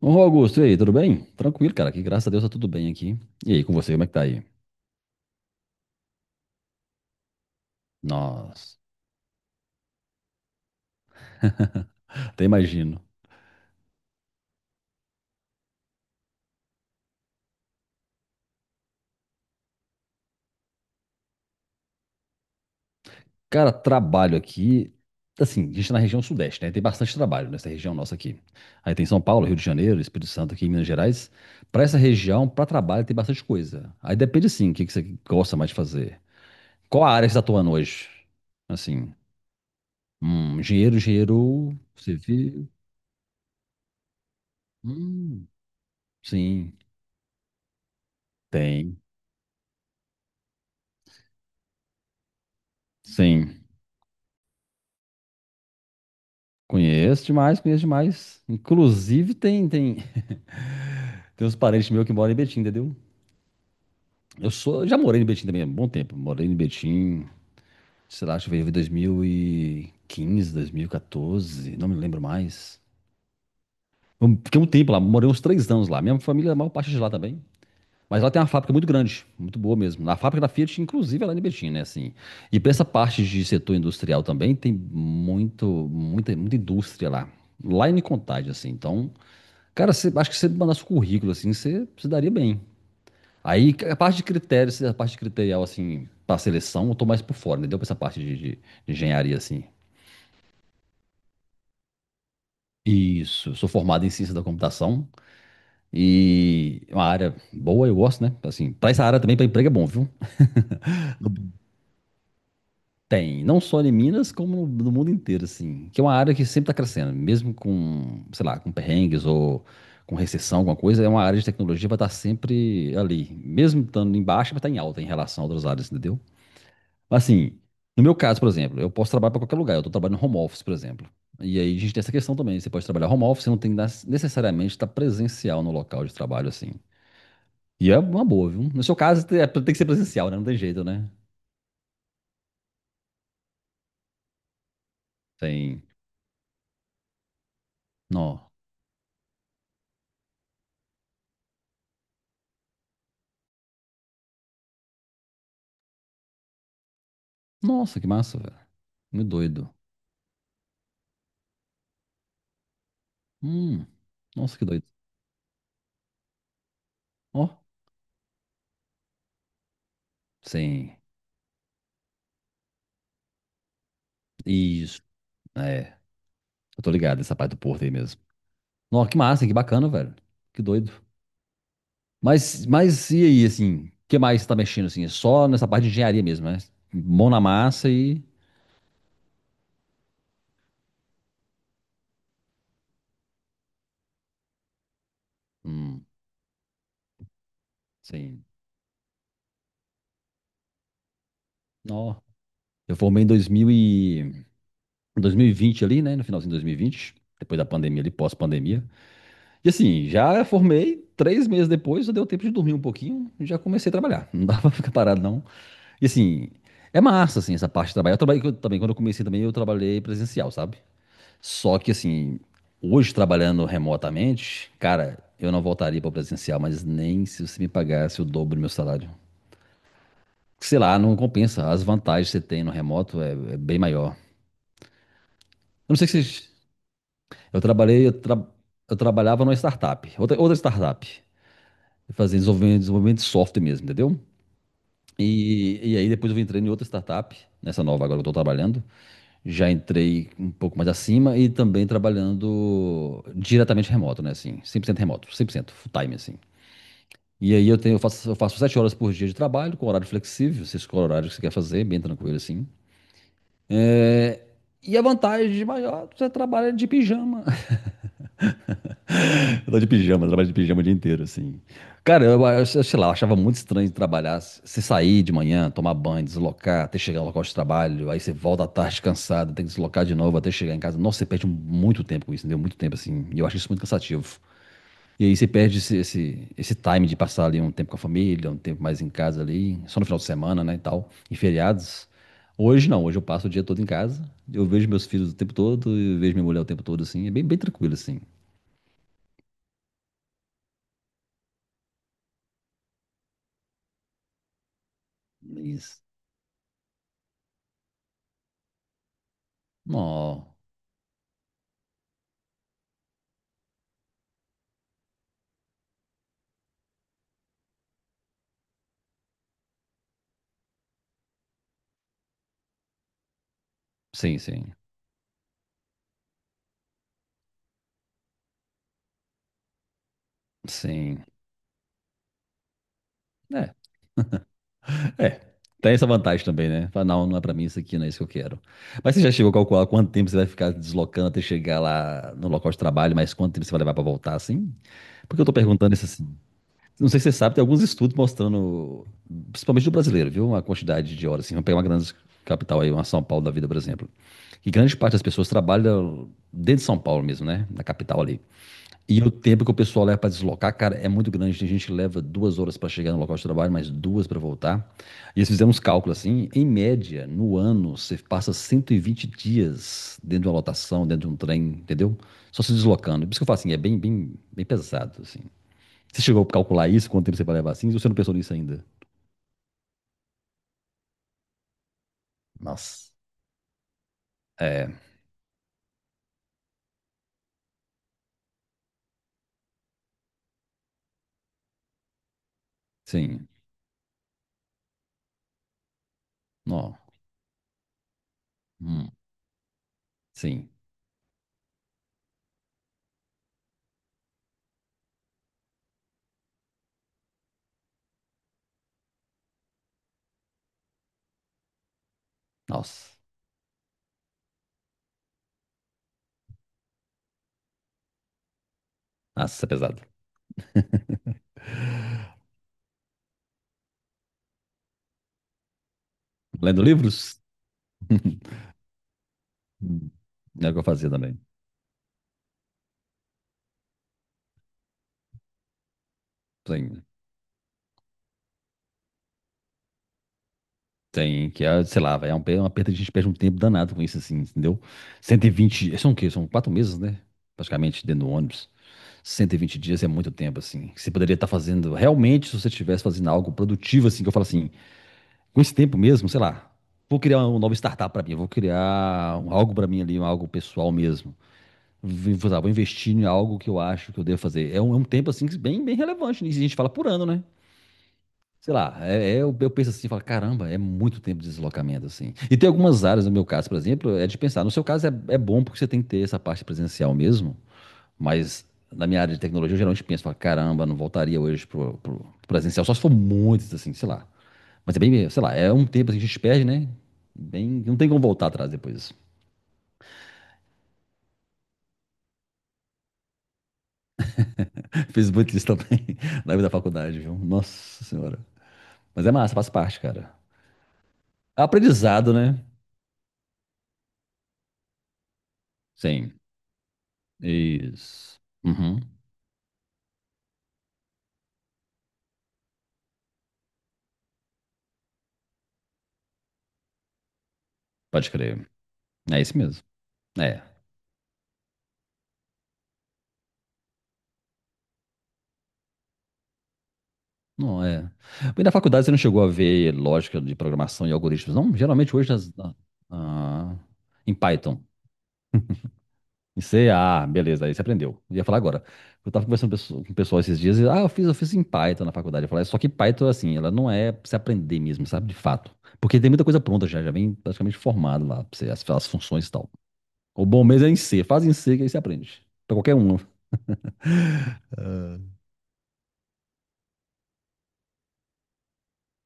Ô, Augusto, e aí, tudo bem? Tranquilo, cara, que graças a Deus tá tudo bem aqui. E aí, com você, como é que tá aí? Nossa, até imagino. Cara, trabalho aqui, assim, a gente tá na região sudeste, né? Tem bastante trabalho nessa região nossa aqui. Aí tem São Paulo, Rio de Janeiro, Espírito Santo aqui em Minas Gerais. Pra essa região, pra trabalho, tem bastante coisa. Aí depende, sim, o que que você gosta mais de fazer. Qual a área que você tá atuando hoje? Assim, engenheiro, engenheiro civil, hum, sim, tem, sim. Conheço demais, conheço demais. Inclusive tem tem uns parentes meus que moram em Betim, entendeu? Eu sou, já morei em Betim também há um bom tempo. Morei em Betim, sei lá, acho que veio em 2015, 2014, não me lembro mais. Eu fiquei um tempo lá, morei uns 3 anos lá. Minha família, a maior parte é de lá também. Mas lá tem uma fábrica muito grande, muito boa mesmo. A fábrica da Fiat, inclusive, é lá em Betim, né? Assim. E para essa parte de setor industrial também, tem muito, muita, muita indústria lá. Lá em Contagem, assim. Então, cara, você, acho que se você mandasse o currículo, assim, você se daria bem. Aí, a parte de critérios, a parte criterial, assim, pra seleção, eu tô mais por fora, entendeu? Pra essa parte de engenharia, assim. Isso, eu sou formado em ciência da computação e é uma área boa, eu gosto, né? Assim, pra essa área também, pra emprego é bom, viu? Tem, não só em Minas, como no mundo inteiro, assim. Que é uma área que sempre está crescendo, mesmo com, sei lá, com perrengues ou com recessão, alguma coisa, é uma área de tecnologia vai estar sempre ali. Mesmo estando em baixa, vai estar em alta em relação a outras áreas, entendeu? Mas assim, no meu caso, por exemplo, eu posso trabalhar para qualquer lugar, eu estou trabalhando home office, por exemplo. E aí a gente tem essa questão também, você pode trabalhar home office, você não tem que necessariamente estar presencial no local de trabalho, assim. E é uma boa, viu? No seu caso, tem que ser presencial, né? Não tem jeito, né? Tem. Não. Nossa, que massa, velho. Muito doido. Hum, nossa, que doido. Ó, sim. Isso. É, eu tô ligado nessa parte do Porto aí mesmo. Nossa, que massa, que bacana, velho. Que doido. Mas e aí, assim, o que mais você tá mexendo, assim? É só nessa parte de engenharia mesmo, né? Mão na massa e... Hum, sim. Ó, eu formei em 2020 ali, né? No finalzinho de 2020. Depois da pandemia ali, pós-pandemia. E assim, já formei, 3 meses depois eu deu tempo de dormir um pouquinho já comecei a trabalhar. Não dava pra ficar parado, não. E assim, é massa, assim, essa parte de trabalhar. Eu trabalhei eu também, quando eu comecei também, eu trabalhei presencial, sabe? Só que assim, hoje trabalhando remotamente, cara, eu não voltaria para presencial, mas nem se você me pagasse o dobro do meu salário. Sei lá, não compensa. As vantagens que você tem no remoto é bem maior. Eu não sei se. Eu trabalhei, eu, tra- eu trabalhava numa startup, outra startup. Fazendo desenvolvimento, desenvolvimento de software mesmo, entendeu? E aí depois eu entrei em outra startup, nessa nova agora que eu estou trabalhando. Já entrei um pouco mais acima e também trabalhando diretamente remoto, né? Assim, 100% remoto, 100% full time, assim. E aí eu faço 7 horas por dia de trabalho, com horário flexível, você escolhe o horário que você quer fazer, bem tranquilo, assim. É, e a vantagem de maior, você trabalha de pijama. Eu tava de pijama, eu trabalho de pijama o dia inteiro, assim. Cara, eu sei lá, eu achava muito estranho de trabalhar. Você sair de manhã, tomar banho, deslocar, até chegar ao local de trabalho, aí você volta à tarde cansado, tem que deslocar de novo até chegar em casa. Nossa, você perde muito tempo com isso, entendeu? Muito tempo, assim. E eu acho isso muito cansativo. E aí você perde esse time de passar ali um tempo com a família, um tempo mais em casa ali, só no final de semana, né, e tal, em feriados. Hoje não, hoje eu passo o dia todo em casa, eu vejo meus filhos o tempo todo, eu vejo minha mulher o tempo todo, assim, é bem, bem tranquilo, assim. Mas, não. Sim, sim, sim. É, é. Tem essa vantagem também, né? Fala, não, não é pra mim isso aqui, não é isso que eu quero. Mas você já chegou a calcular quanto tempo você vai ficar deslocando até chegar lá no local de trabalho, mas quanto tempo você vai levar pra voltar, assim? Porque eu tô perguntando isso assim. Não sei se você sabe, tem alguns estudos mostrando, principalmente do brasileiro, viu? A quantidade de horas, assim. Vamos pegar uma grande capital aí, uma São Paulo da vida, por exemplo. Que grande parte das pessoas trabalham dentro de São Paulo mesmo, né? Na capital ali. E o tempo que o pessoal leva para deslocar, cara, é muito grande. Tem gente que leva 2 horas para chegar no local de trabalho, mais duas para voltar. E eles fizeram uns cálculos assim. Em média, no ano, você passa 120 dias dentro de uma lotação, dentro de um trem, entendeu? Só se deslocando. Por isso que eu falo assim, é bem, bem, bem pesado, assim. Você chegou a calcular isso, quanto tempo você vai levar assim? Você não pensou nisso ainda? Nossa. É, sim. Não. Hum, sim. Nossa. Nossa, isso é pesado. Lendo livros? É o que eu fazia também. Sim. Tem, que é, sei lá, véi, é um uma perda, a gente perde um tempo danado com isso, assim, entendeu? 120, são o quê? São 4 meses, né? Praticamente dentro do ônibus. 120 dias é muito tempo, assim. Que você poderia estar fazendo, realmente, se você estivesse fazendo algo produtivo, assim, que eu falo assim, com esse tempo mesmo, sei lá, vou criar uma nova startup pra mim, vou criar algo pra mim ali, um algo pessoal mesmo. Vou, vou investir em algo que eu acho que eu devo fazer. É um tempo, assim, que bem, bem relevante. Né? E a gente fala por ano, né? Sei lá, eu penso assim, falo, caramba, é muito tempo de deslocamento, assim. E tem algumas áreas, no meu caso, por exemplo, é de pensar. No seu caso é bom porque você tem que ter essa parte presencial mesmo, mas na minha área de tecnologia eu geralmente penso, falo, caramba, não voltaria hoje pro presencial, só se for muitos assim, sei lá. Mas é bem, sei lá, é um tempo assim, que a gente perde, né? Bem, não tem como voltar atrás depois. Fiz muito isso também na vida da faculdade, viu? Nossa Senhora. Mas é massa, faz parte, cara. Aprendizado, né? Sim, isso. Uhum, pode crer. É isso mesmo. É. Não é. Mas na faculdade você não chegou a ver lógica de programação e algoritmos, não? Geralmente hoje ah, em Python. Em C, ah, beleza, aí você aprendeu. Eu ia falar agora. Eu tava conversando com o pessoal esses dias, e, ah, eu fiz em Python na faculdade. Eu falei, só que Python, assim, ela não é pra você aprender mesmo, sabe? De fato. Porque tem muita coisa pronta já, já vem praticamente formado lá, pra você, as funções e tal. O bom mesmo é em C, faz em C que aí você aprende. Pra qualquer um.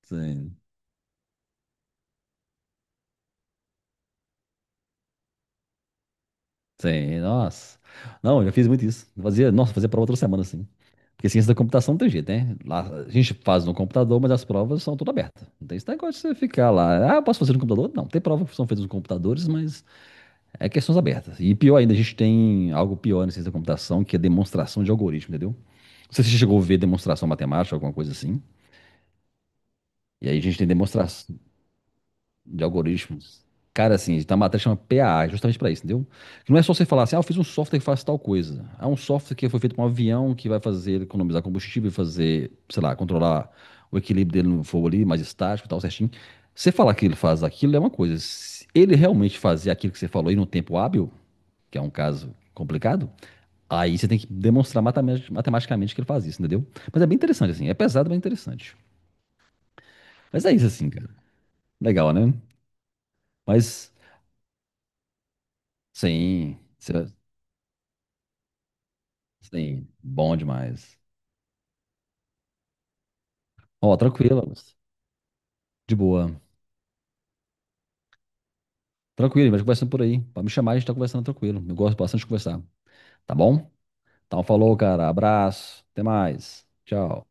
Sim. Sim, nossa. Não, eu já fiz muito isso. Fazia, nossa, fazia prova toda semana, assim. Porque ciência da computação não tem jeito, né? Lá, a gente faz no computador, mas as provas são todas abertas. Não tem esse negócio de você ficar lá. Ah, posso fazer no computador? Não, tem provas que são feitas nos computadores, mas é questões abertas. E pior ainda, a gente tem algo pior na ciência da computação, que é demonstração de algoritmo, entendeu? Não sei se você chegou a ver demonstração matemática, alguma coisa assim. E aí a gente tem demonstração de algoritmo. Cara, assim, tá a matéria chama PAA, justamente pra isso, entendeu? Que não é só você falar assim, ah, eu fiz um software que faz tal coisa. É um software que foi feito pra um avião que vai fazer ele economizar combustível, fazer, sei lá, controlar o equilíbrio dele no fogo ali, mais estático e tal, certinho. Você falar que ele faz aquilo é uma coisa. Se ele realmente fazer aquilo que você falou aí num tempo hábil, que é um caso complicado, aí você tem que demonstrar matematicamente que ele faz isso, entendeu? Mas é bem interessante, assim. É pesado, mas é interessante. Mas é isso, assim, cara. Legal, né? Mas, sim. Sim, bom demais. Ó, tranquilo, Augusto. De boa. Tranquilo, vai conversando por aí. Pode me chamar, a gente tá conversando tranquilo. Eu gosto bastante de conversar. Tá bom? Então, falou, cara. Abraço. Até mais. Tchau.